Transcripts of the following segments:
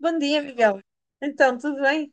Bom dia, Miguel. Então, tudo bem?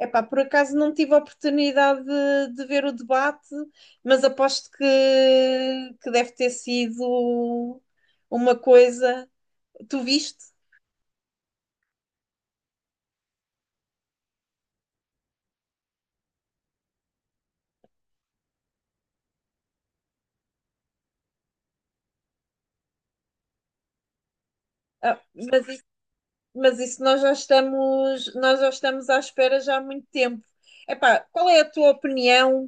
Epá, por acaso não tive a oportunidade de ver o debate, mas aposto que deve ter sido uma coisa. Tu viste? Ah, mas isso nós já estamos à espera já há muito tempo. Epá, qual é a tua opinião?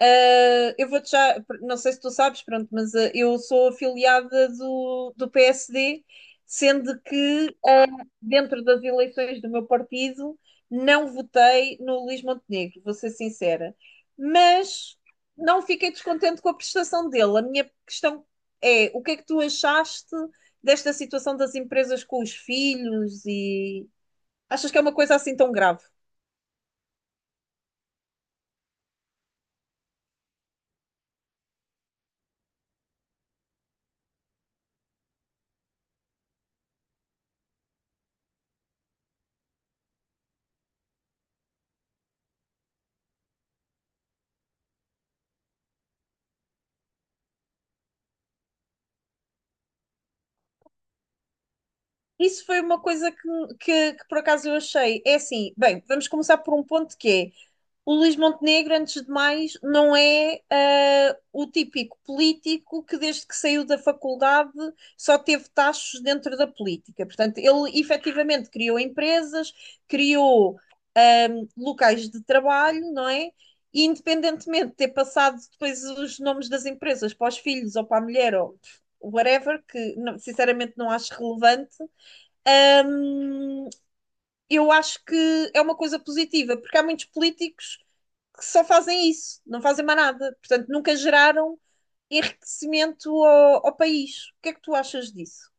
Eu vou-te já, não sei se tu sabes, pronto, mas eu sou afiliada do PSD, sendo que dentro das eleições do meu partido não votei no Luís Montenegro, vou ser sincera. Mas não fiquei descontente com a prestação dele. A minha questão é: o que é que tu achaste desta situação das empresas com os filhos e achas que é uma coisa assim tão grave? Isso foi uma coisa que por acaso eu achei. É assim, bem, vamos começar por um ponto que é o Luís Montenegro, antes de mais, não é o típico político que, desde que saiu da faculdade, só teve tachos dentro da política. Portanto, ele efetivamente criou empresas, criou locais de trabalho, não é? E independentemente de ter passado depois os nomes das empresas para os filhos ou para a mulher ou whatever, que não- sinceramente não acho relevante, hum, eu acho que é uma coisa positiva, porque há muitos políticos que só fazem isso, não fazem mais nada. Portanto, nunca geraram enriquecimento ao país. O que é que tu achas disso?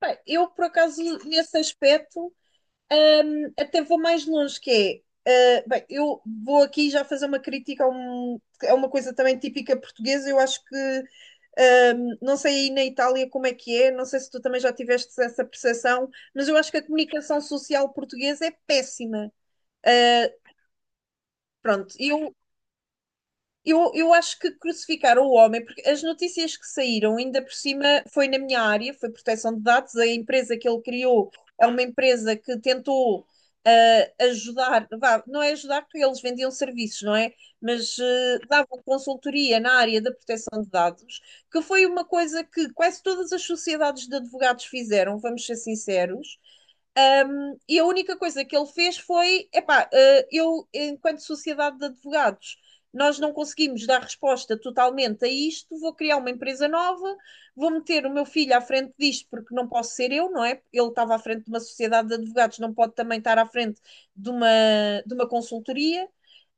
Bem, eu, por acaso, nesse aspecto, até vou mais longe, que é bem, eu vou aqui já fazer uma crítica a uma coisa também típica portuguesa. Eu acho que não sei aí na Itália como é que é, não sei se tu também já tiveste essa percepção, mas eu acho que a comunicação social portuguesa é péssima. Uh, Pronto, eu acho que crucificaram o homem, porque as notícias que saíram, ainda por cima, foi na minha área, foi proteção de dados. A empresa que ele criou é uma empresa que tentou ajudar, vá, não é ajudar porque eles vendiam serviços, não é? Mas davam consultoria na área da proteção de dados, que foi uma coisa que quase todas as sociedades de advogados fizeram, vamos ser sinceros. Ah, e a única coisa que ele fez foi: epá, eu, enquanto sociedade de advogados, nós não conseguimos dar resposta totalmente a isto, vou criar uma empresa nova, vou meter o meu filho à frente disto, porque não posso ser eu, não é? Ele estava à frente de uma sociedade de advogados, não pode também estar à frente de uma consultoria,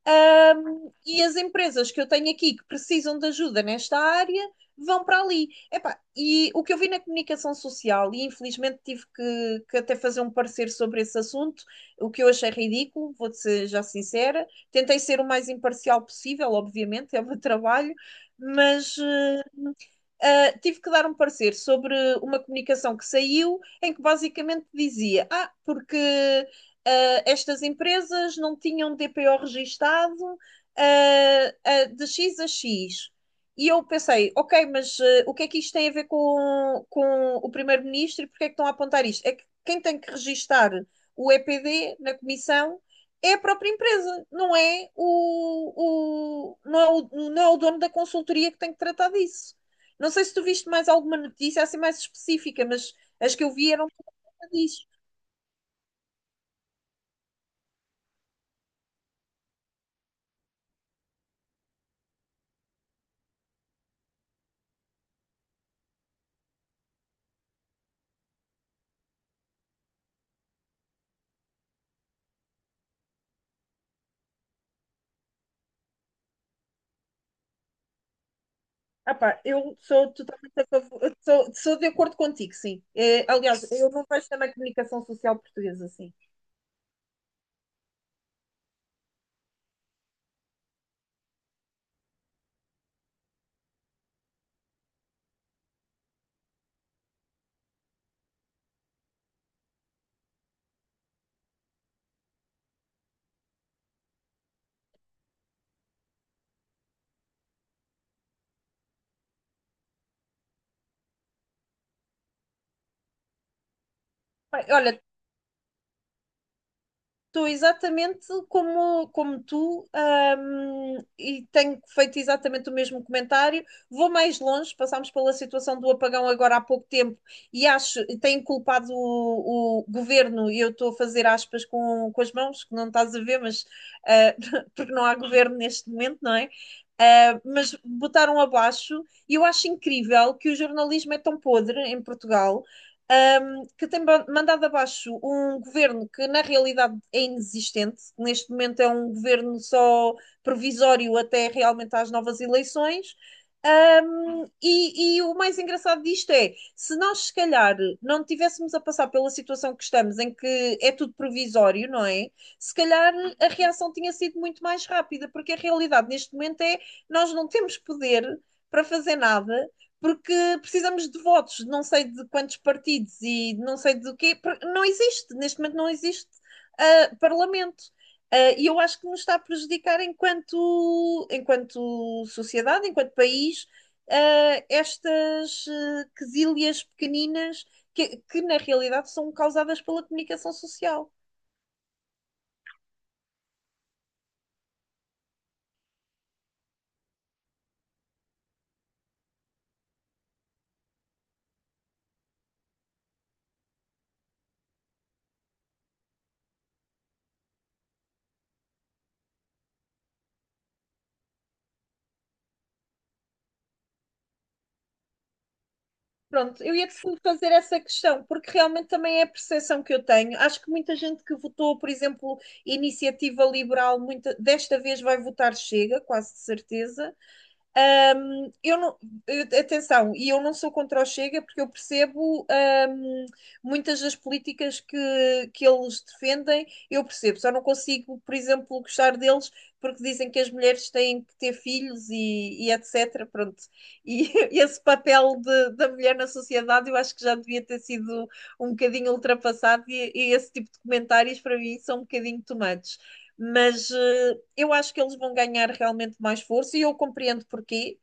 e as empresas que eu tenho aqui que precisam de ajuda nesta área vão para ali. Epá, e o que eu vi na comunicação social, e infelizmente tive que até fazer um parecer sobre esse assunto, o que eu achei ridículo, vou ser já sincera. Tentei ser o mais imparcial possível, obviamente, é o meu trabalho, mas. Tive que dar um parecer sobre uma comunicação que saiu em que basicamente dizia: Ah, porque estas empresas não tinham DPO registado, de X a X. E eu pensei, ok, mas o que é que isto tem a ver com o primeiro-ministro e porque é que estão a apontar isto? É que quem tem que registar o EPD na comissão é a própria empresa, não é o dono da consultoria que tem que tratar disso. Não sei se tu viste mais alguma notícia assim mais específica, mas as que eu vi eram disso. Ah pá, eu sou totalmente a favor, eu sou de acordo contigo, sim. É, aliás, eu não vejo também a comunicação social portuguesa assim. Bem, olha, estou exatamente como tu, e tenho feito exatamente o mesmo comentário. Vou mais longe, passámos pela situação do apagão agora há pouco tempo e acho, e tenho culpado o governo, e eu estou a fazer aspas com as mãos, que não estás a ver, mas ah, porque não há governo neste momento, não é? Mas botaram abaixo, e eu acho incrível que o jornalismo é tão podre em Portugal, que tem mandado abaixo um governo que na realidade é inexistente, que neste momento é um governo só provisório até realmente às novas eleições. E o mais engraçado disto é, se nós se calhar não tivéssemos a passar pela situação que estamos, em que é tudo provisório, não é? Se calhar a reação tinha sido muito mais rápida, porque a realidade neste momento é nós não temos poder para fazer nada porque precisamos de votos, de não sei de quantos partidos e de não sei do quê, porque não existe, neste momento não existe parlamento. E eu acho que nos está a prejudicar enquanto sociedade, enquanto país, estas quesilhas pequeninas que na realidade são causadas pela comunicação social. Pronto, eu ia-te fazer essa questão, porque realmente também é a percepção que eu tenho. Acho que muita gente que votou, por exemplo, Iniciativa Liberal, muita, desta vez vai votar Chega, quase de certeza. Eu não, atenção, e eu não sou contra o Chega porque eu percebo, muitas das políticas que eles defendem, eu percebo, só não consigo, por exemplo, gostar deles porque dizem que as mulheres têm que ter filhos e etc. Pronto. E esse papel da mulher na sociedade eu acho que já devia ter sido um bocadinho ultrapassado e esse tipo de comentários para mim são um bocadinho tomados, mas eu acho que eles vão ganhar realmente mais força e eu compreendo porquê.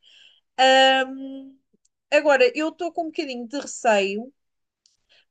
Agora, eu estou com um bocadinho de receio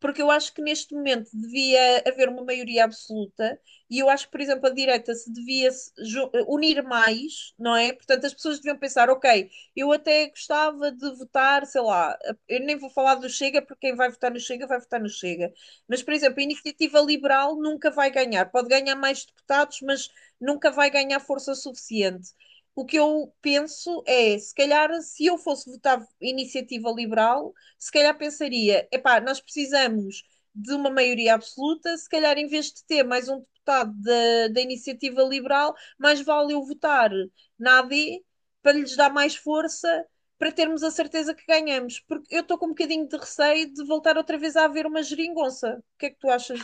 porque eu acho que neste momento devia haver uma maioria absoluta e eu acho que, por exemplo, a direita se devia se ju- unir mais, não é? Portanto, as pessoas deviam pensar, ok, eu até gostava de votar, sei lá, eu nem vou falar do Chega, porque quem vai votar no Chega vai votar no Chega. Mas, por exemplo, a Iniciativa Liberal nunca vai ganhar, pode ganhar mais deputados, mas nunca vai ganhar força suficiente. O que eu penso é, se calhar, se eu fosse votar Iniciativa Liberal, se calhar pensaria: epá, nós precisamos de uma maioria absoluta, se calhar em vez de ter mais um deputado da Iniciativa Liberal, mais vale eu votar na A D para lhes dar mais força para termos a certeza que ganhamos, porque eu estou com um bocadinho de receio de voltar outra vez a haver uma geringonça. O que é que tu achas?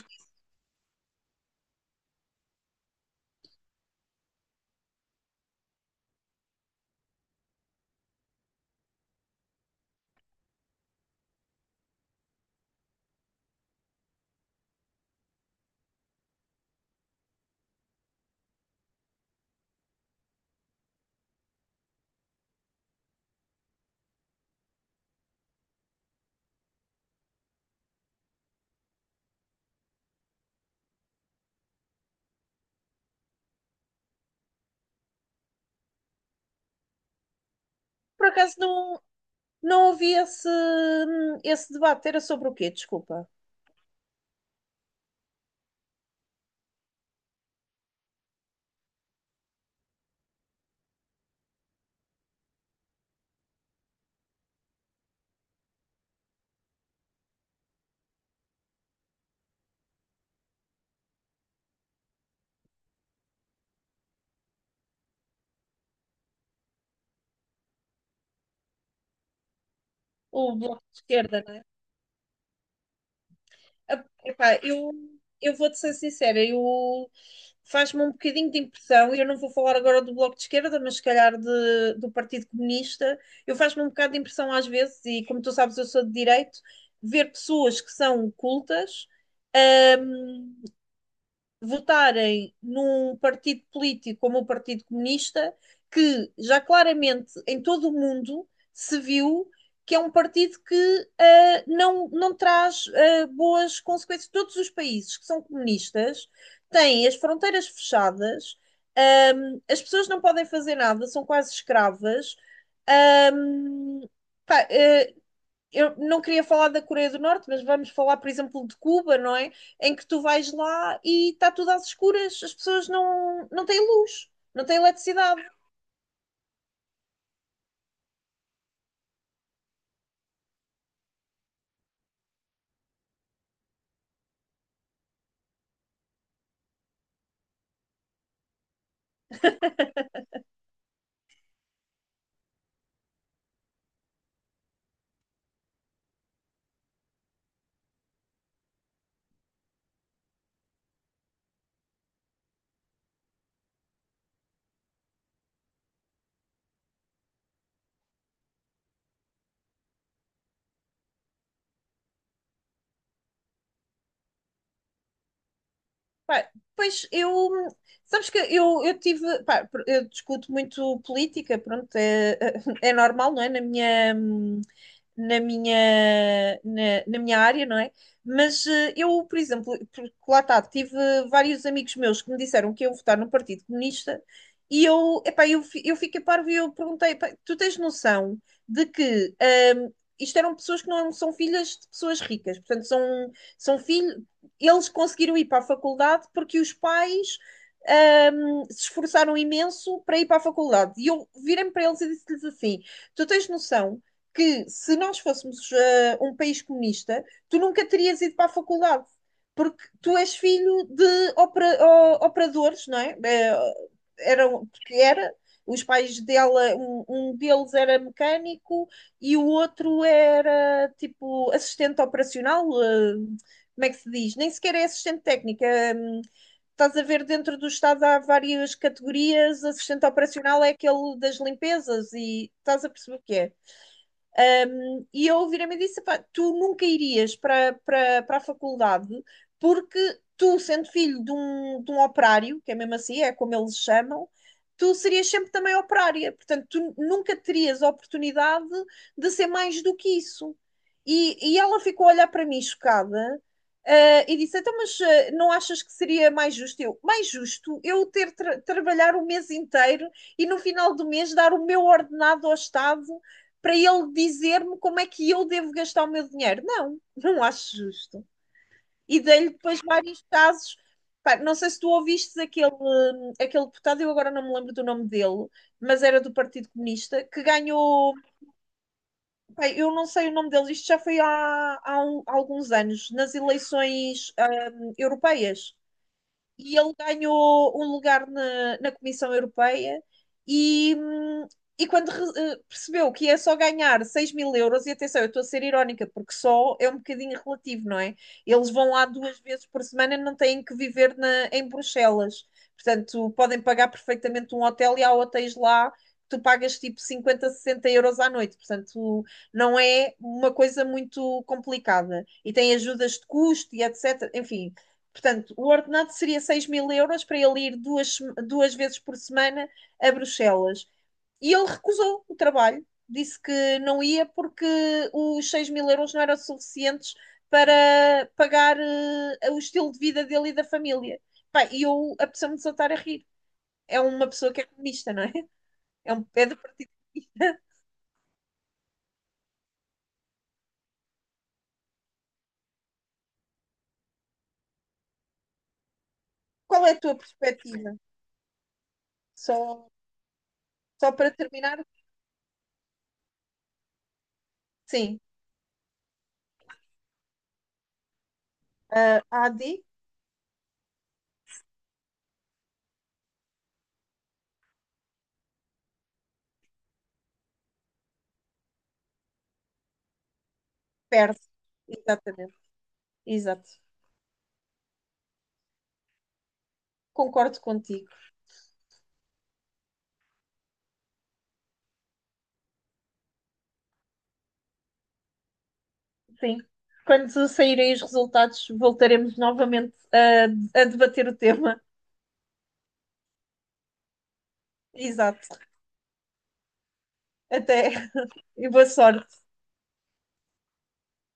Por acaso não. Não ouvi esse, debate. Era sobre o quê? Desculpa. O Bloco de Esquerda. Epá, eu vou-te ser sincera, eu faz-me um bocadinho de impressão, e eu não vou falar agora do Bloco de Esquerda, mas se calhar do Partido Comunista, eu faz-me um bocado de impressão às vezes, e como tu sabes, eu sou de direito, ver pessoas que são cultas. hum, Votarem num partido político como o Partido Comunista, que já claramente em todo o mundo se viu que é um partido que não, não traz boas consequências. Todos os países que são comunistas têm as fronteiras fechadas, as pessoas não podem fazer nada, são quase escravas. ahm, Pá, eu não queria falar da Coreia do Norte, mas vamos falar, por exemplo, de Cuba, não é? Em que tu vais lá e está tudo às escuras, as pessoas não, não têm luz, não têm eletricidade. Pá, pois eu, sabes que eu tive, pá, eu discuto muito política, pronto, é, é normal, não é? Na minha, na minha área, não é? Mas eu, por exemplo, porque lá está, tive vários amigos meus que me disseram que iam votar no Partido Comunista e eu, epá, eu fiquei parvo e eu perguntei, "Pá, tu tens noção de que hum, isto eram pessoas que não são filhas de pessoas ricas, portanto, são filhos, eles conseguiram ir para a faculdade porque os pais se esforçaram imenso para ir para a faculdade. E eu virei-me para eles e disse-lhes assim: Tu tens noção que se nós fôssemos um país comunista, tu nunca terias ido para a faculdade, porque tu és filho de operadores, não é? Eram, porque era. Os pais dela, um deles era mecânico e o outro era tipo assistente operacional, como é que se diz? Nem sequer é assistente técnica. hum, Estás a ver dentro do Estado há várias categorias, assistente operacional é aquele das limpezas e estás a perceber o que é. E eu virei-me e disse: "Pá, tu nunca irias para a faculdade porque tu, sendo filho de um operário, que é mesmo assim, é como eles chamam, tu serias sempre também operária. Portanto, tu nunca terias a oportunidade de ser mais do que isso. E ela ficou a olhar para mim chocada. E disse, então, mas não achas que seria mais justo? Eu, mais justo eu ter trabalhar o mês inteiro e no final do mês dar o meu ordenado ao Estado para ele dizer-me como é que eu devo gastar o meu dinheiro. Não, não acho justo. E dei-lhe depois vários casos. Pá, não sei se tu ouviste aquele, deputado, eu agora não me lembro do nome dele, mas era do Partido Comunista, que ganhou. Pá, eu não sei o nome dele, isto já foi há alguns anos, nas eleições europeias e ele ganhou um lugar na Comissão Europeia e, hum, e quando percebeu que ia só ganhar 6000 euros, e atenção, eu estou a ser irónica, porque só é um bocadinho relativo, não é? Eles vão lá duas vezes por semana, não têm que viver na, em Bruxelas. Portanto, podem pagar perfeitamente um hotel e há hotéis lá que tu pagas tipo 50, 60 euros à noite. Portanto, não é uma coisa muito complicada. E tem ajudas de custo e etc. Enfim, portanto, o ordenado seria 6000 euros para ele ir duas vezes por semana a Bruxelas. E ele recusou o trabalho, disse que não ia porque os 6000 euros não eram suficientes para pagar o estilo de vida dele e da família. Pá, e eu apeteceu-me desatar a rir. É uma pessoa que é comunista, não é? É do partido. Qual é a tua perspectiva? Só, só para terminar, sim, a AD perde. Exatamente, exato. Concordo contigo. Sim. Quando saírem os resultados, voltaremos novamente a debater o tema. Exato. Até e boa sorte.